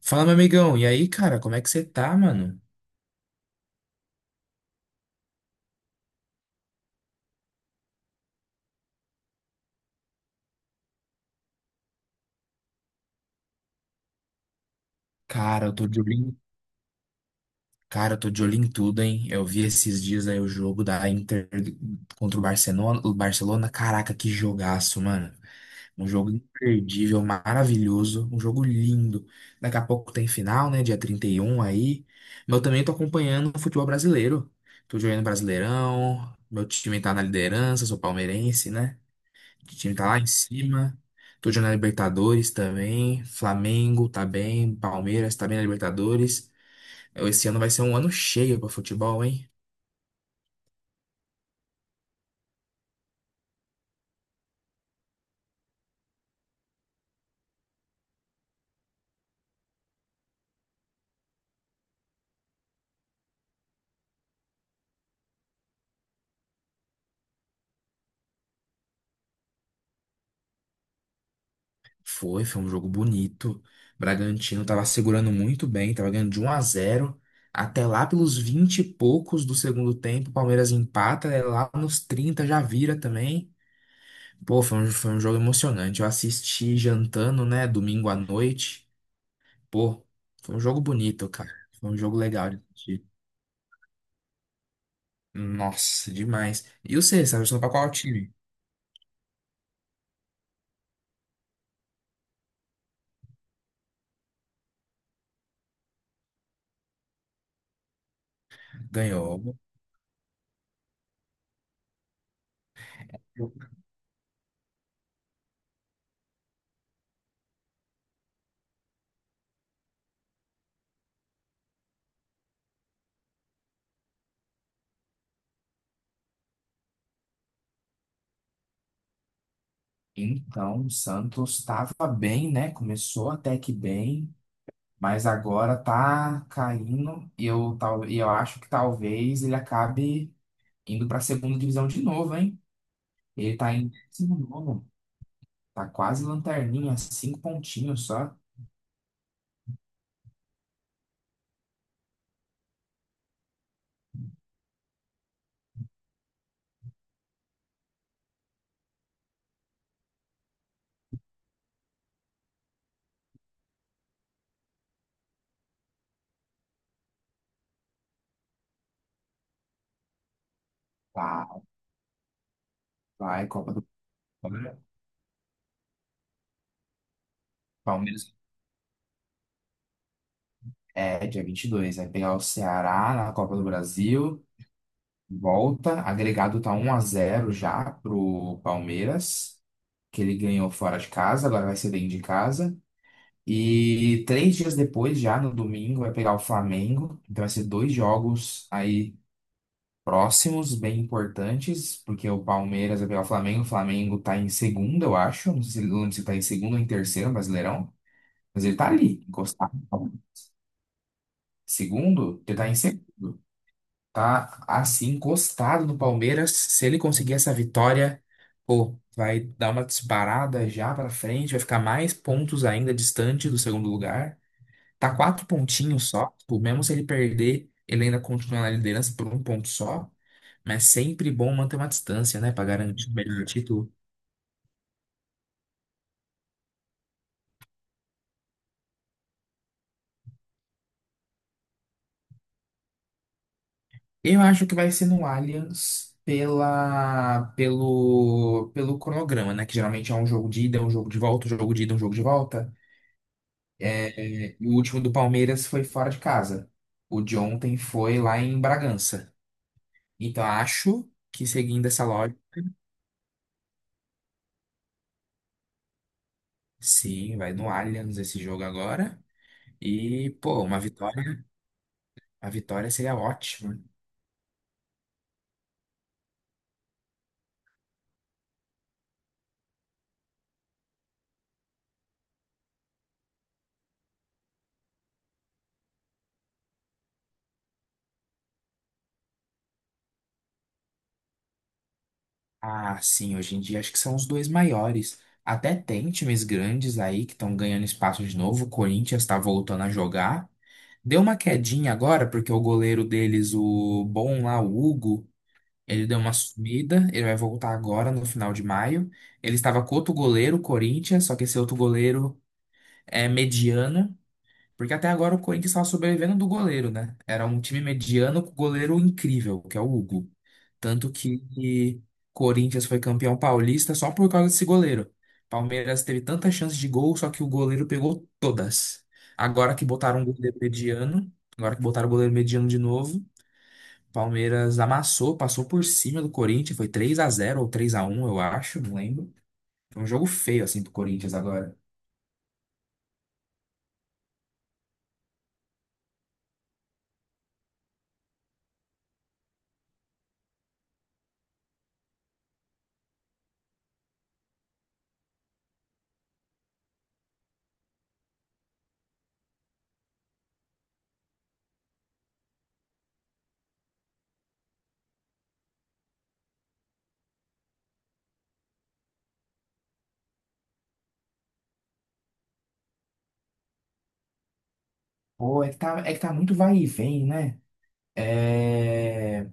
Fala, meu amigão. E aí, cara, como é que você tá, mano? Cara, eu tô de olho em... Cara, eu tô de olho em tudo, hein? Eu vi esses dias aí o jogo da Inter contra o Barcelona. O Barcelona, caraca, que jogaço, mano. Um jogo imperdível, maravilhoso, um jogo lindo. Daqui a pouco tem final, né? Dia 31 aí. Mas eu também tô acompanhando o futebol brasileiro. Tô jogando Brasileirão, meu time tá na liderança, sou palmeirense, né? O time tá lá em cima. Tô jogando na Libertadores também. Flamengo tá bem. Palmeiras tá bem na Libertadores. É, esse ano vai ser um ano cheio pra futebol, hein? Foi um jogo bonito. Bragantino tava segurando muito bem, tava ganhando de 1 a 0 até lá pelos 20 e poucos do segundo tempo. O Palmeiras empata, é lá nos 30 já vira também. Pô, foi um jogo emocionante. Eu assisti jantando, né, domingo à noite. Pô, foi um jogo bonito, cara. Foi um jogo legal. Nossa, demais. E você, você tá torcendo pra qual time? Ganhou. Então, o Santos estava bem, né? Começou até que bem, mas agora tá caindo e eu, tal, e eu acho que talvez ele acabe indo para a segunda divisão de novo, hein? Ele tá em 19º, tá quase lanterninha, 5 pontinhos só. Vai, Copa do Palmeiras. Palmeiras é dia 22, vai pegar o Ceará na Copa do Brasil. Volta, agregado tá 1 a 0 já pro Palmeiras, que ele ganhou fora de casa, agora vai ser dentro de casa. E 3 dias depois, já no domingo, vai pegar o Flamengo. Então vai ser dois jogos aí próximos, bem importantes, porque o Palmeiras vai pegar o Flamengo. O Flamengo tá em segundo, eu acho. Não sei se tá em segundo ou em terceiro, Brasileirão, mas ele tá ali, encostado. Segundo, ele tá em segundo. Tá assim encostado no Palmeiras. Se ele conseguir essa vitória, pô, vai dar uma disparada já pra frente, vai ficar mais pontos ainda distante do segundo lugar. Tá 4 pontinhos só, tipo, mesmo se ele perder, ele ainda continua na liderança por um ponto só. Mas sempre bom manter uma distância, né, pra garantir o melhor título. Eu acho que vai ser no Allianz pela pelo pelo cronograma, né, que geralmente é um jogo de ida, um jogo de volta, um jogo de ida, um jogo de volta. É, e o último do Palmeiras foi fora de casa. O de ontem foi lá em Bragança. Então acho que seguindo essa lógica, sim, vai no Allianz esse jogo agora. E, pô, uma vitória, a vitória seria ótima. Ah, sim, hoje em dia acho que são os dois maiores. Até tem times grandes aí que estão ganhando espaço de novo. O Corinthians está voltando a jogar. Deu uma quedinha agora, porque o goleiro deles, o bom lá, o Hugo. Ele deu uma sumida, ele vai voltar agora no final de maio. Ele estava com outro goleiro, o Corinthians, só que esse outro goleiro é mediano, porque até agora o Corinthians estava sobrevivendo do goleiro, né? Era um time mediano com goleiro incrível, que é o Hugo. Tanto que Corinthians foi campeão paulista só por causa desse goleiro. Palmeiras teve tantas chances de gol, só que o goleiro pegou todas. Agora que botaram um goleiro mediano, agora que botaram o goleiro mediano de novo. Palmeiras amassou, passou por cima do Corinthians, foi 3 a 0 ou 3 a 1, eu acho, não lembro. Foi um jogo feio assim pro Corinthians agora. Pô, é que tá muito vai e vem, né? É...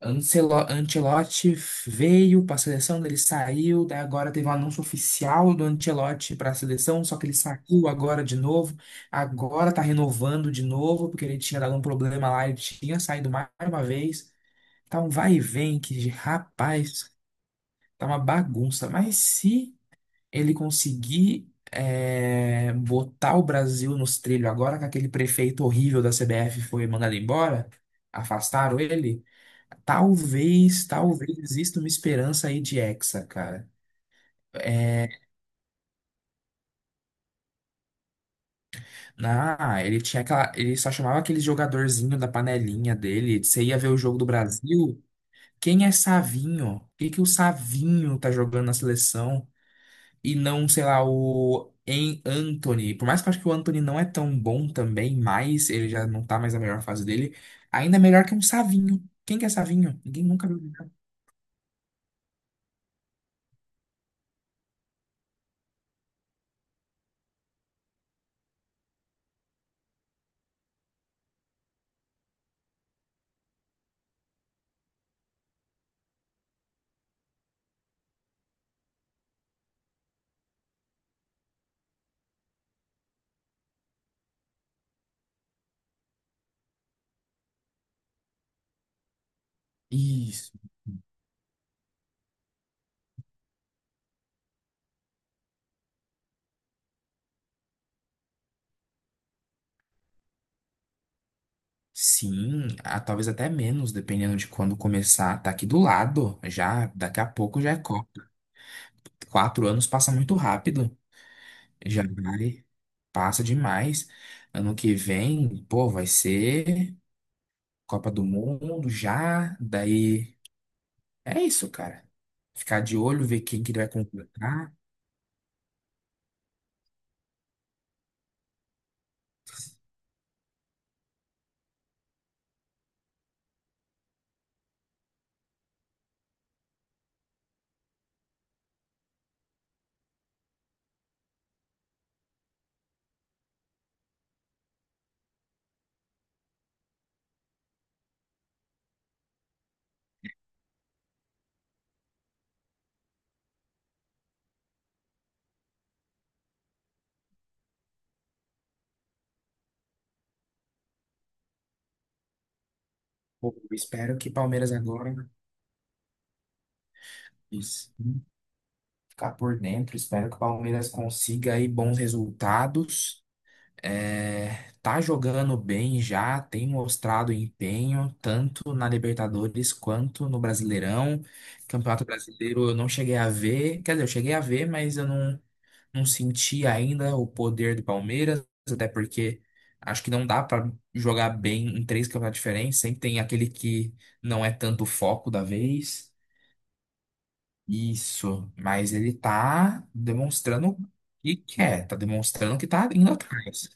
Ancelotti veio pra seleção, ele saiu, daí agora teve um anúncio oficial do Ancelotti pra seleção, só que ele saiu agora de novo. Agora tá renovando de novo, porque ele tinha dado um problema lá, ele tinha saído mais uma vez. Tá um vai e vem que, rapaz. Tá uma bagunça. Mas se ele conseguir é, botar o Brasil nos trilhos agora que aquele prefeito horrível da CBF foi mandado embora, afastaram ele, talvez exista uma esperança aí de Hexa, cara. É, na, ele tinha aquela, ele só chamava aquele jogadorzinho da panelinha dele. Você ia ver o jogo do Brasil. Quem é Savinho? O que que o Savinho tá jogando na seleção? E não, sei lá, o em Anthony. Por mais que eu acho que o Anthony não é tão bom também, mas ele já não tá mais na melhor fase dele. Ainda é melhor que um Savinho. Quem que é Savinho? Ninguém nunca viu jogar. Isso. Sim, ah, talvez até menos, dependendo de quando começar. Tá aqui do lado, já, daqui a pouco já é Copa. 4 anos passa muito rápido. Já vai, passa demais. Ano que vem, pô, vai ser Copa do Mundo já, daí. É isso, cara. Ficar de olho, ver quem que ele vai contratar. Pô, eu espero que Palmeiras agora, isso, ficar por dentro. Espero que o Palmeiras consiga aí bons resultados. É, tá jogando bem já, tem mostrado empenho, tanto na Libertadores quanto no Brasileirão. Campeonato Brasileiro eu não cheguei a ver, quer dizer, eu cheguei a ver, mas eu não, não senti ainda o poder do Palmeiras, até porque acho que não dá pra jogar bem em 3 campeonatos diferentes. Sempre tem aquele que não é tanto o foco da vez. Isso, mas ele tá demonstrando o que quer, tá demonstrando que tá indo atrás.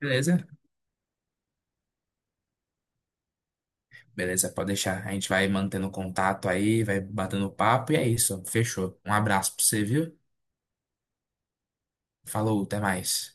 Beleza? Beleza, pode deixar. A gente vai mantendo contato aí, vai batendo papo e é isso. Fechou. Um abraço pra você, viu? Falou, até mais.